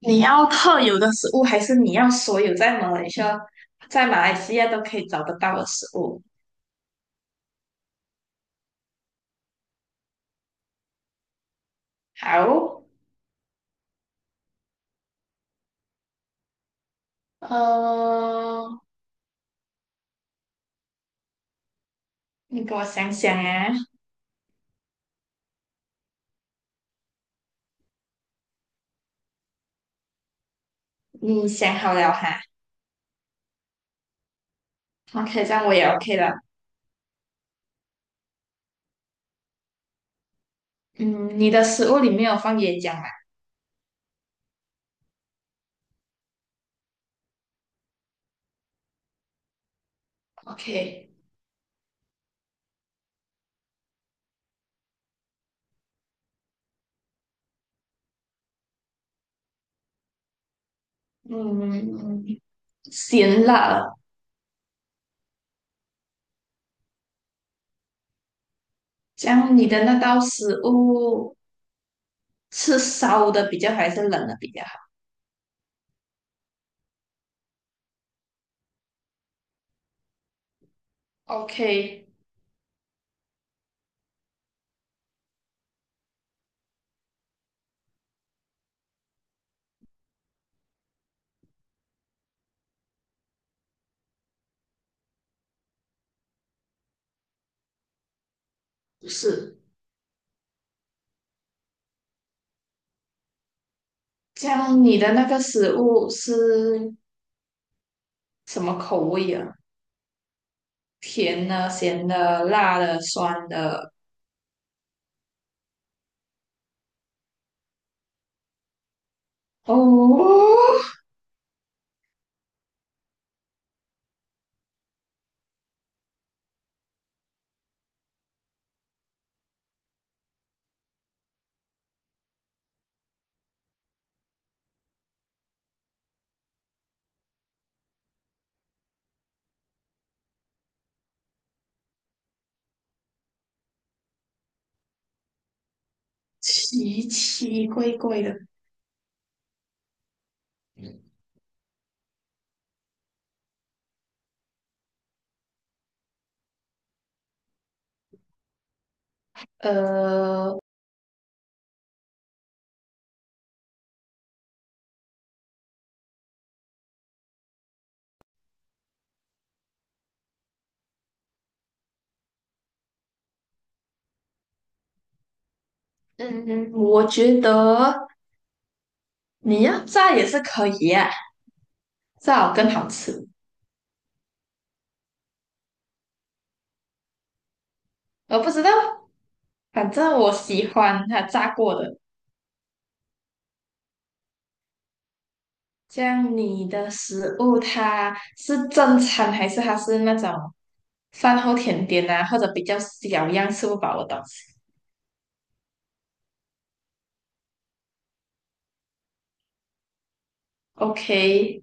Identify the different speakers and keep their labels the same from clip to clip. Speaker 1: 你要特有的食物，还是你要所有在马来西亚、在马来西亚都可以找得到的食物？好，呃，你给我想想啊，你想好了哈？OK，这样我也 OK 了。嗯，你的食物里面有放椰浆吗？OK，嗯，咸辣，这样你的那道食物是烧的比较好，还是冷的比较好？OK，不是，这样你的那个食物是什么口味啊？甜的、咸的、辣的、酸的，哦，奇奇怪怪的。呃，嗯，我觉得你要炸也是可以啊，炸好更好吃。我不知道，反正我喜欢它炸过的。这样你的食物它是正餐还是它是那种饭后甜点啊，或者比较小样吃不饱的东西？OK，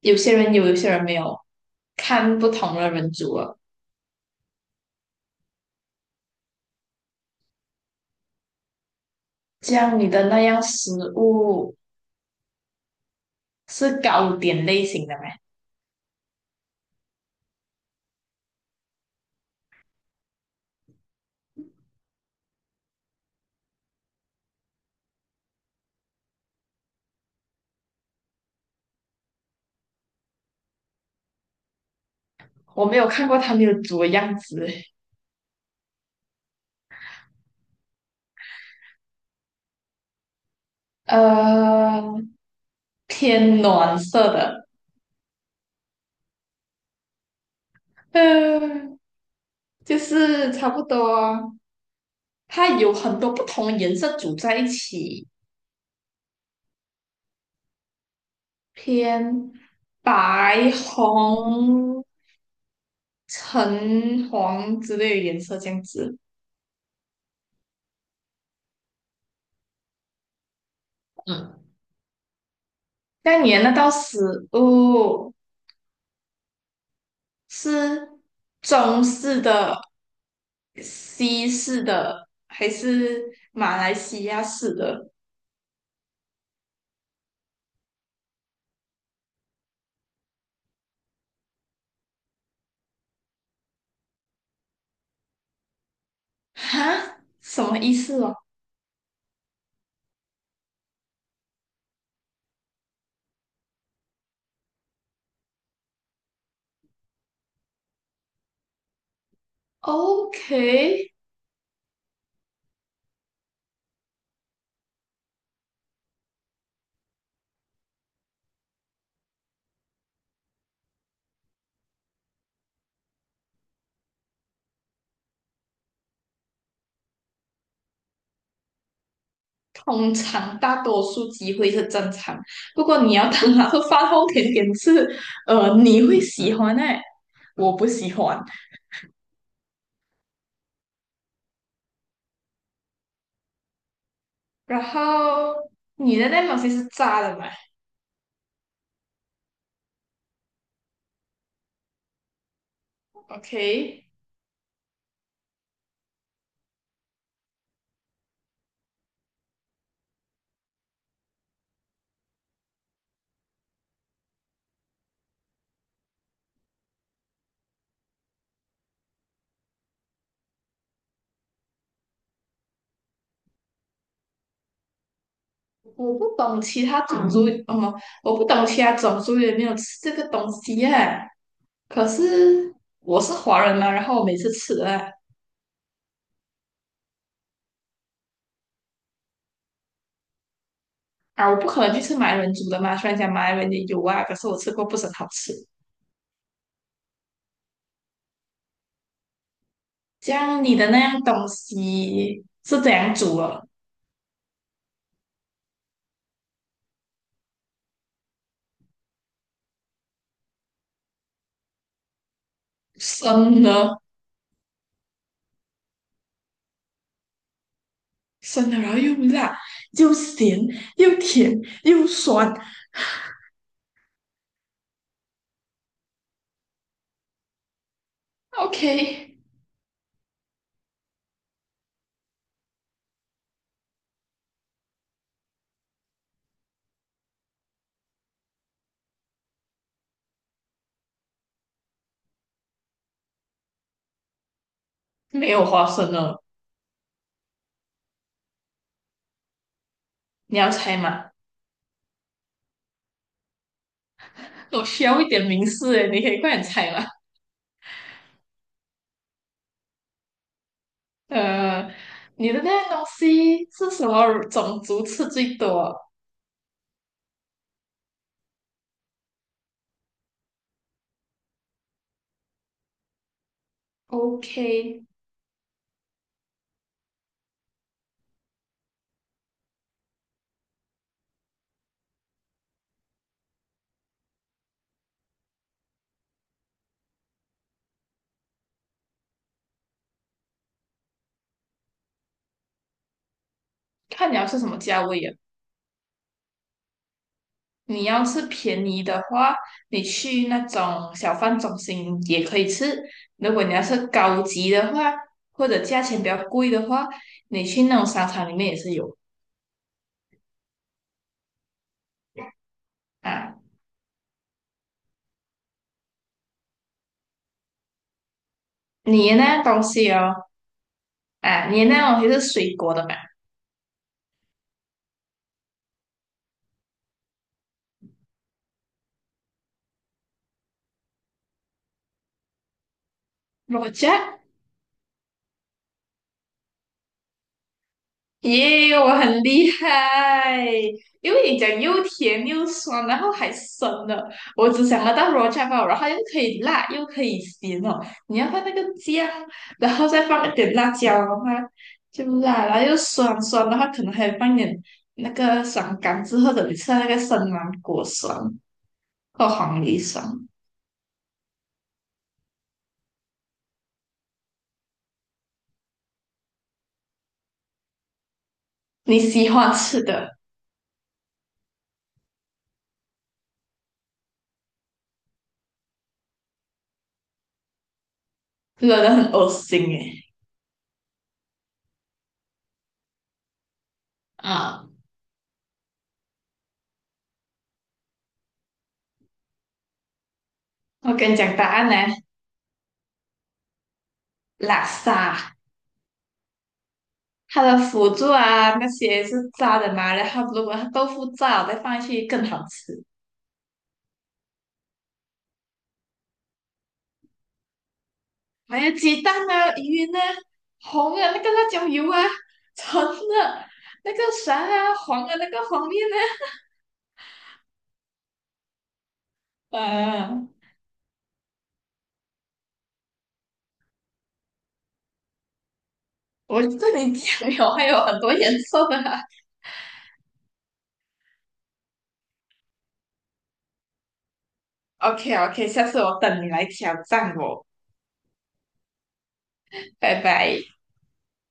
Speaker 1: 有些人有，有些人没有，看不同的人煮了。这样你的那样食物是糕点类型的吗？我没有看过他们有煮的样子，呃，偏暖色的，嗯、就是差不多，它有很多不同颜色组在一起，偏白、红、橙、黄之类的颜色这样子。嗯，那你的那道食物是中式的、西式的，还是马来西亚式的？哈，什么意思哦？OK，通常大多数机会是正常，不过你要当那是饭后甜点吃，你会喜欢诶，我不喜欢。然后你的那东西是炸的嘛？OK，我不懂其他种族，哦，我不懂其他种族有没有吃这个东西耶、可是我是华人嘛，然后我每次吃啊啊，我不可能去吃马来人煮的嘛。虽然讲马来人也有啊，可是我吃过不是很好吃。这样你的那样东西是怎样煮的？生的，生的，然后又辣，又咸，又甜，又酸。OK，没有花生了，你要猜吗？我需要一点名示诶，你可以快点猜吗？呃，你的那样东西是什么种族吃最多？OK，看你要吃什么价位啊。你要是便宜的话，你去那种小贩中心也可以吃；如果你要是高级的话，或者价钱比较贵的话，你去那种商场里面也是有啊。你的那样东西哦，啊，你的那样东西是水果的嘛？肉夹耶我很厉害，因为你讲又甜又酸，然后还生的。我只想得到 raw java，然后又可以辣又可以咸哦。你要放那个姜，然后再放一点辣椒的话，就辣，然后又酸酸的话，可能还放一点那个酸柑之或者你吃到那个生芒果酸或黄梨酸。你喜欢吃的，惹人很恶心诶。啊，我跟你讲答案呢，拉萨。它的辅助啊那些是炸的嘛，然后如果它豆腐炸了再放进去更好吃。还有鸡蛋啊、鱼呢、红的那个辣椒油啊、橙的那个啥啊、黄的那个黄面呢、啊。我这里讲有还有很多颜色的啊 OK OK，下次我等你来挑战我，拜拜。